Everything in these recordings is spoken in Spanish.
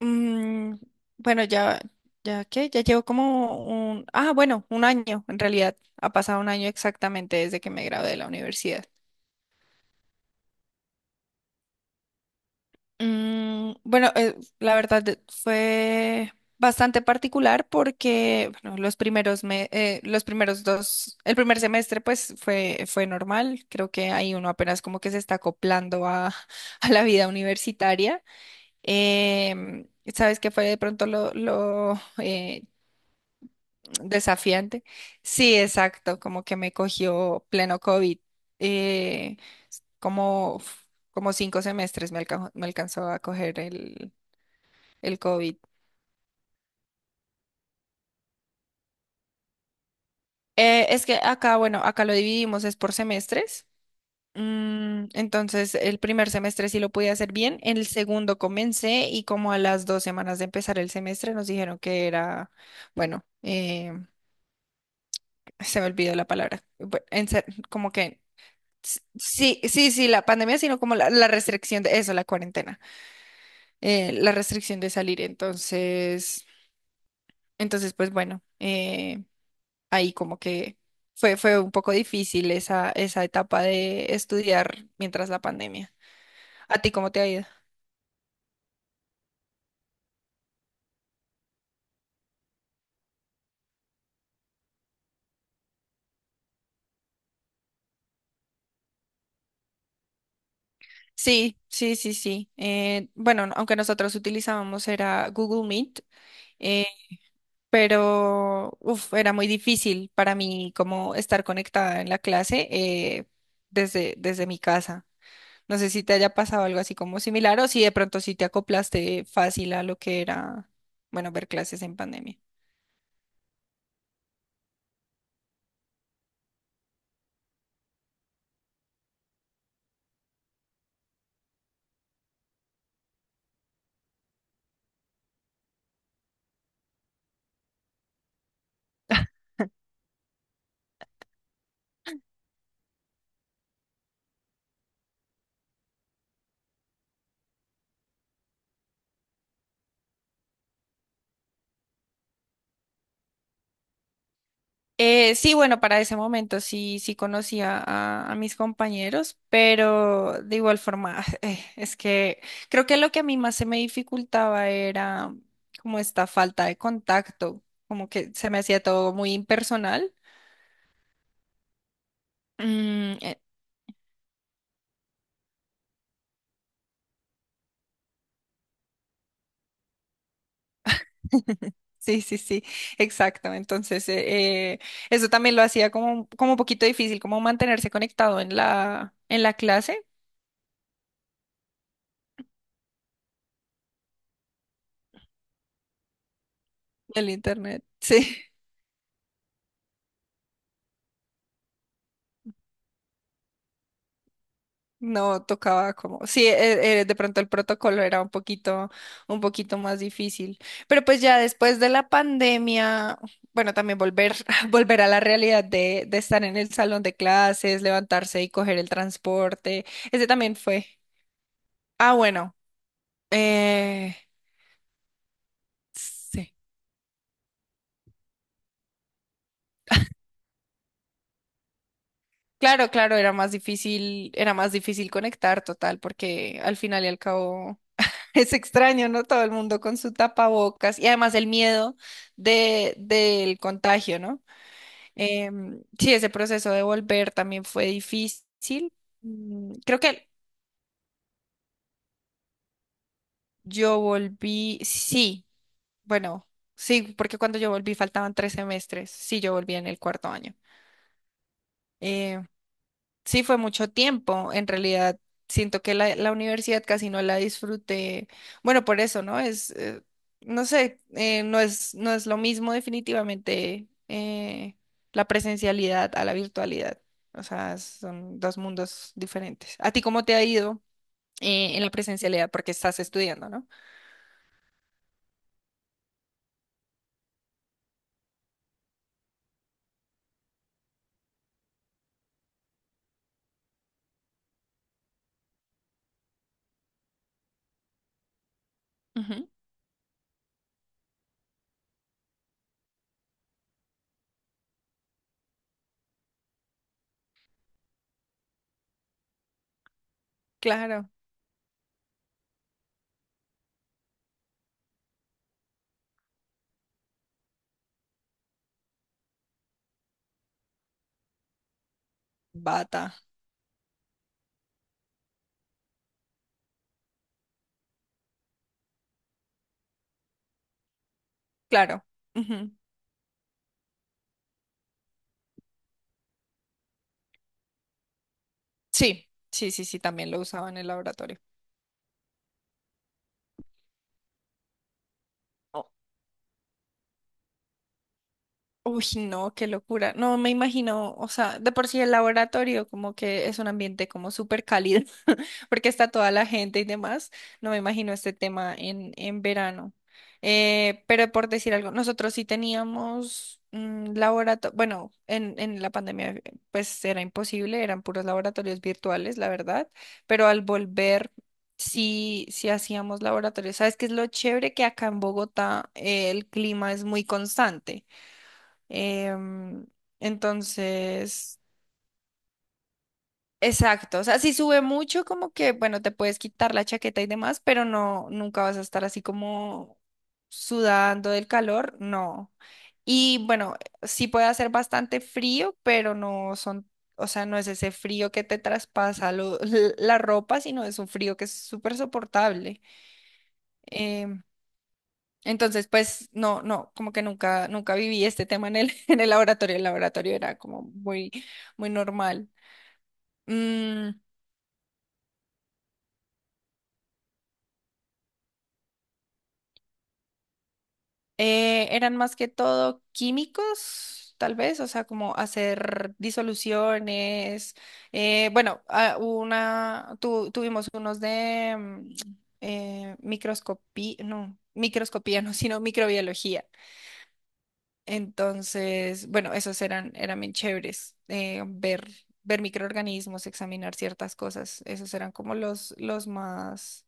Mm, bueno, ya, ya que ya llevo como un, bueno, un año, en realidad ha pasado un año exactamente desde que me gradué de la universidad. Bueno, la verdad, fue bastante particular porque, bueno, los primeros los primeros dos, el primer semestre pues fue normal, creo que ahí uno apenas como que se está acoplando a, a la vida universitaria. Em, ¿Sabes qué fue de pronto lo desafiante? Sí, exacto, como que me cogió pleno COVID. eh, como, como 5 semestres me alcanzó a coger el COVID. Es que bueno, acá lo dividimos, es por semestres. Entonces, el primer semestre sí lo pude hacer bien, el segundo comencé y como a las 2 semanas de empezar el semestre nos dijeron que era, bueno, se me olvidó la palabra, como que, sí, sí, sí, la pandemia, sino como la restricción de eso, la cuarentena, la restricción de salir. Entonces, pues bueno, ahí como que fue un poco difícil esa etapa de estudiar mientras la pandemia. ¿A ti cómo te ha ido? Sí, sí, sí, sí. Bueno, aunque nosotros utilizábamos era Google Meet. Eh, pero uf, era muy difícil para mí como estar conectada en la clase, desde mi casa. No sé si te haya pasado algo así como similar o si de pronto sí te acoplaste fácil a lo que era, bueno, ver clases en pandemia. Sí, bueno, para ese momento sí, sí conocía a mis compañeros, pero de igual forma, es que creo que lo que a mí más se me dificultaba era como esta falta de contacto, como que se me hacía todo muy impersonal. Mm, sí, sí, sí, exacto. Entonces, eso también lo hacía como un poquito difícil, como mantenerse conectado en la clase del internet. Sí, no tocaba como, sí, de pronto el protocolo era un poquito más difícil. Pero pues ya después de la pandemia, bueno, también volver, volver a la realidad de estar en el salón de clases, levantarse y coger el transporte, ese también fue. Ah, bueno. Eh, sí. Claro, claro, era más difícil conectar, total, porque al final y al cabo es extraño, ¿no? Todo el mundo con su tapabocas y además el miedo del contagio, ¿no? Sí, ese proceso de volver también fue difícil. Creo que yo volví, sí, bueno, sí, porque cuando yo volví faltaban 3 semestres, sí, yo volví en el cuarto año. Eh, sí fue mucho tiempo, en realidad siento que la universidad casi no la disfruté, bueno, por eso, ¿no? No sé, no es lo mismo definitivamente, la presencialidad a la virtualidad, o sea, son dos mundos diferentes. ¿A ti cómo te ha ido, en la presencialidad? Porque estás estudiando, ¿no? Ujú. Claro. Bata, claro. Ujú. Sí, sí, sí, sí, también lo usaba en el laboratorio. Oh. Uy, no, qué locura. No me imagino, o sea, de por sí el laboratorio como que es un ambiente como súper cálido, porque está toda la gente y demás. No me imagino este tema en verano. Pero por decir algo, nosotros sí teníamos laboratorio, bueno, en la pandemia, pues era imposible, eran puros laboratorios virtuales, la verdad, pero al volver. Sí, sí hacíamos laboratorios. ¿Sabes qué es lo chévere? Que acá en Bogotá, el clima es muy constante. Em, entonces, exacto. O sea, si sube mucho, como que, bueno, te puedes quitar la chaqueta y demás, pero no, nunca vas a estar así como sudando del calor, no. Y bueno, sí puede hacer bastante frío, pero no son, o sea, no es ese frío que te traspasa la ropa, sino es un frío que es súper soportable. Em, Entonces, pues no, no, como que nunca, nunca viví este tema en el, en el laboratorio. El laboratorio era como muy, muy normal. Mm, Eran más que todo químicos, tal vez, o sea, como hacer disoluciones. Bueno, tuvimos unos de microscopía, no, microscopía, no, sino microbiología. Entonces, bueno, esos eran bien chéveres, ver microorganismos, examinar ciertas cosas, esos eran como los más,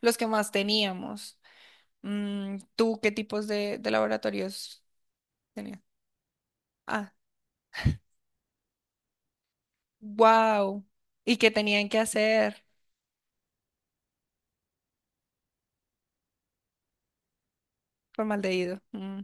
los que más teníamos. ¿Tú qué tipos de laboratorios tenías? Ah, wow. ¿Y qué tenían que hacer? Formaldehído. Mm,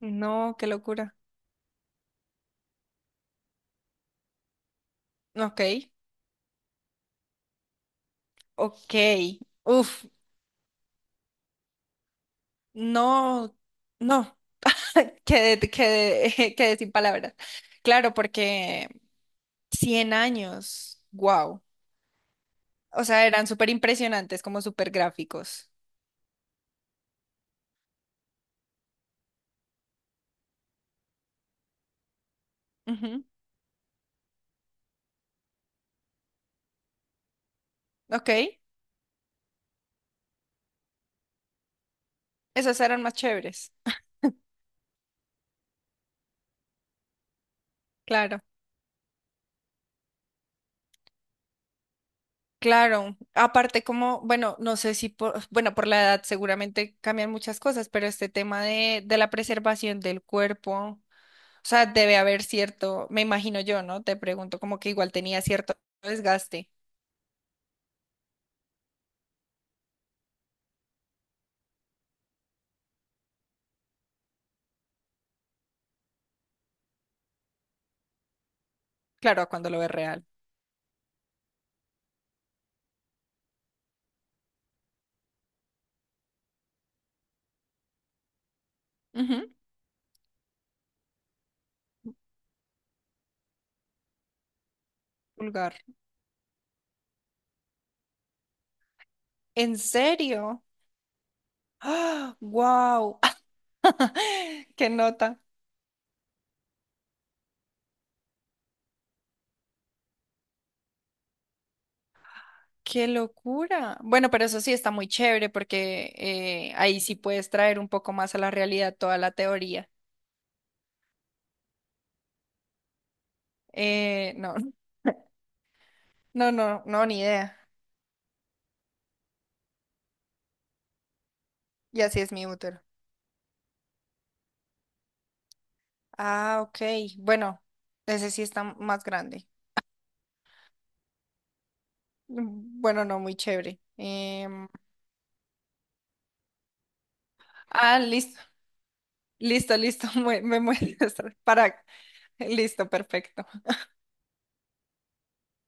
no, qué locura. Ok, ok. Uf, no, no. Quedé sin palabras. Claro, porque 100 años. Wow. O sea, eran súper impresionantes, como súper gráficos. Ujú. Ok, esas eran más chéveres. Claro, claro. Aparte, como, bueno, no sé si por, bueno, por la edad seguramente cambian muchas cosas, pero este tema de la preservación del cuerpo, o sea, debe haber cierto, me imagino yo, ¿no? Te pregunto, como que igual tenía cierto desgaste. Claro, a cuando lo ves real. Ujú. Pulgar. ¿En serio? ¡Ah! ¡Wow! ¡Qué nota! Qué locura. Bueno, pero eso sí está muy chévere porque, ahí sí puedes traer un poco más a la realidad toda la teoría. No, no, no, no, ni idea. Y así es mi útero. Ah, ok. Bueno, ese sí está más grande. Bueno, no, muy chévere. Listo, listo, listo. Me muestras. Para. Listo, perfecto.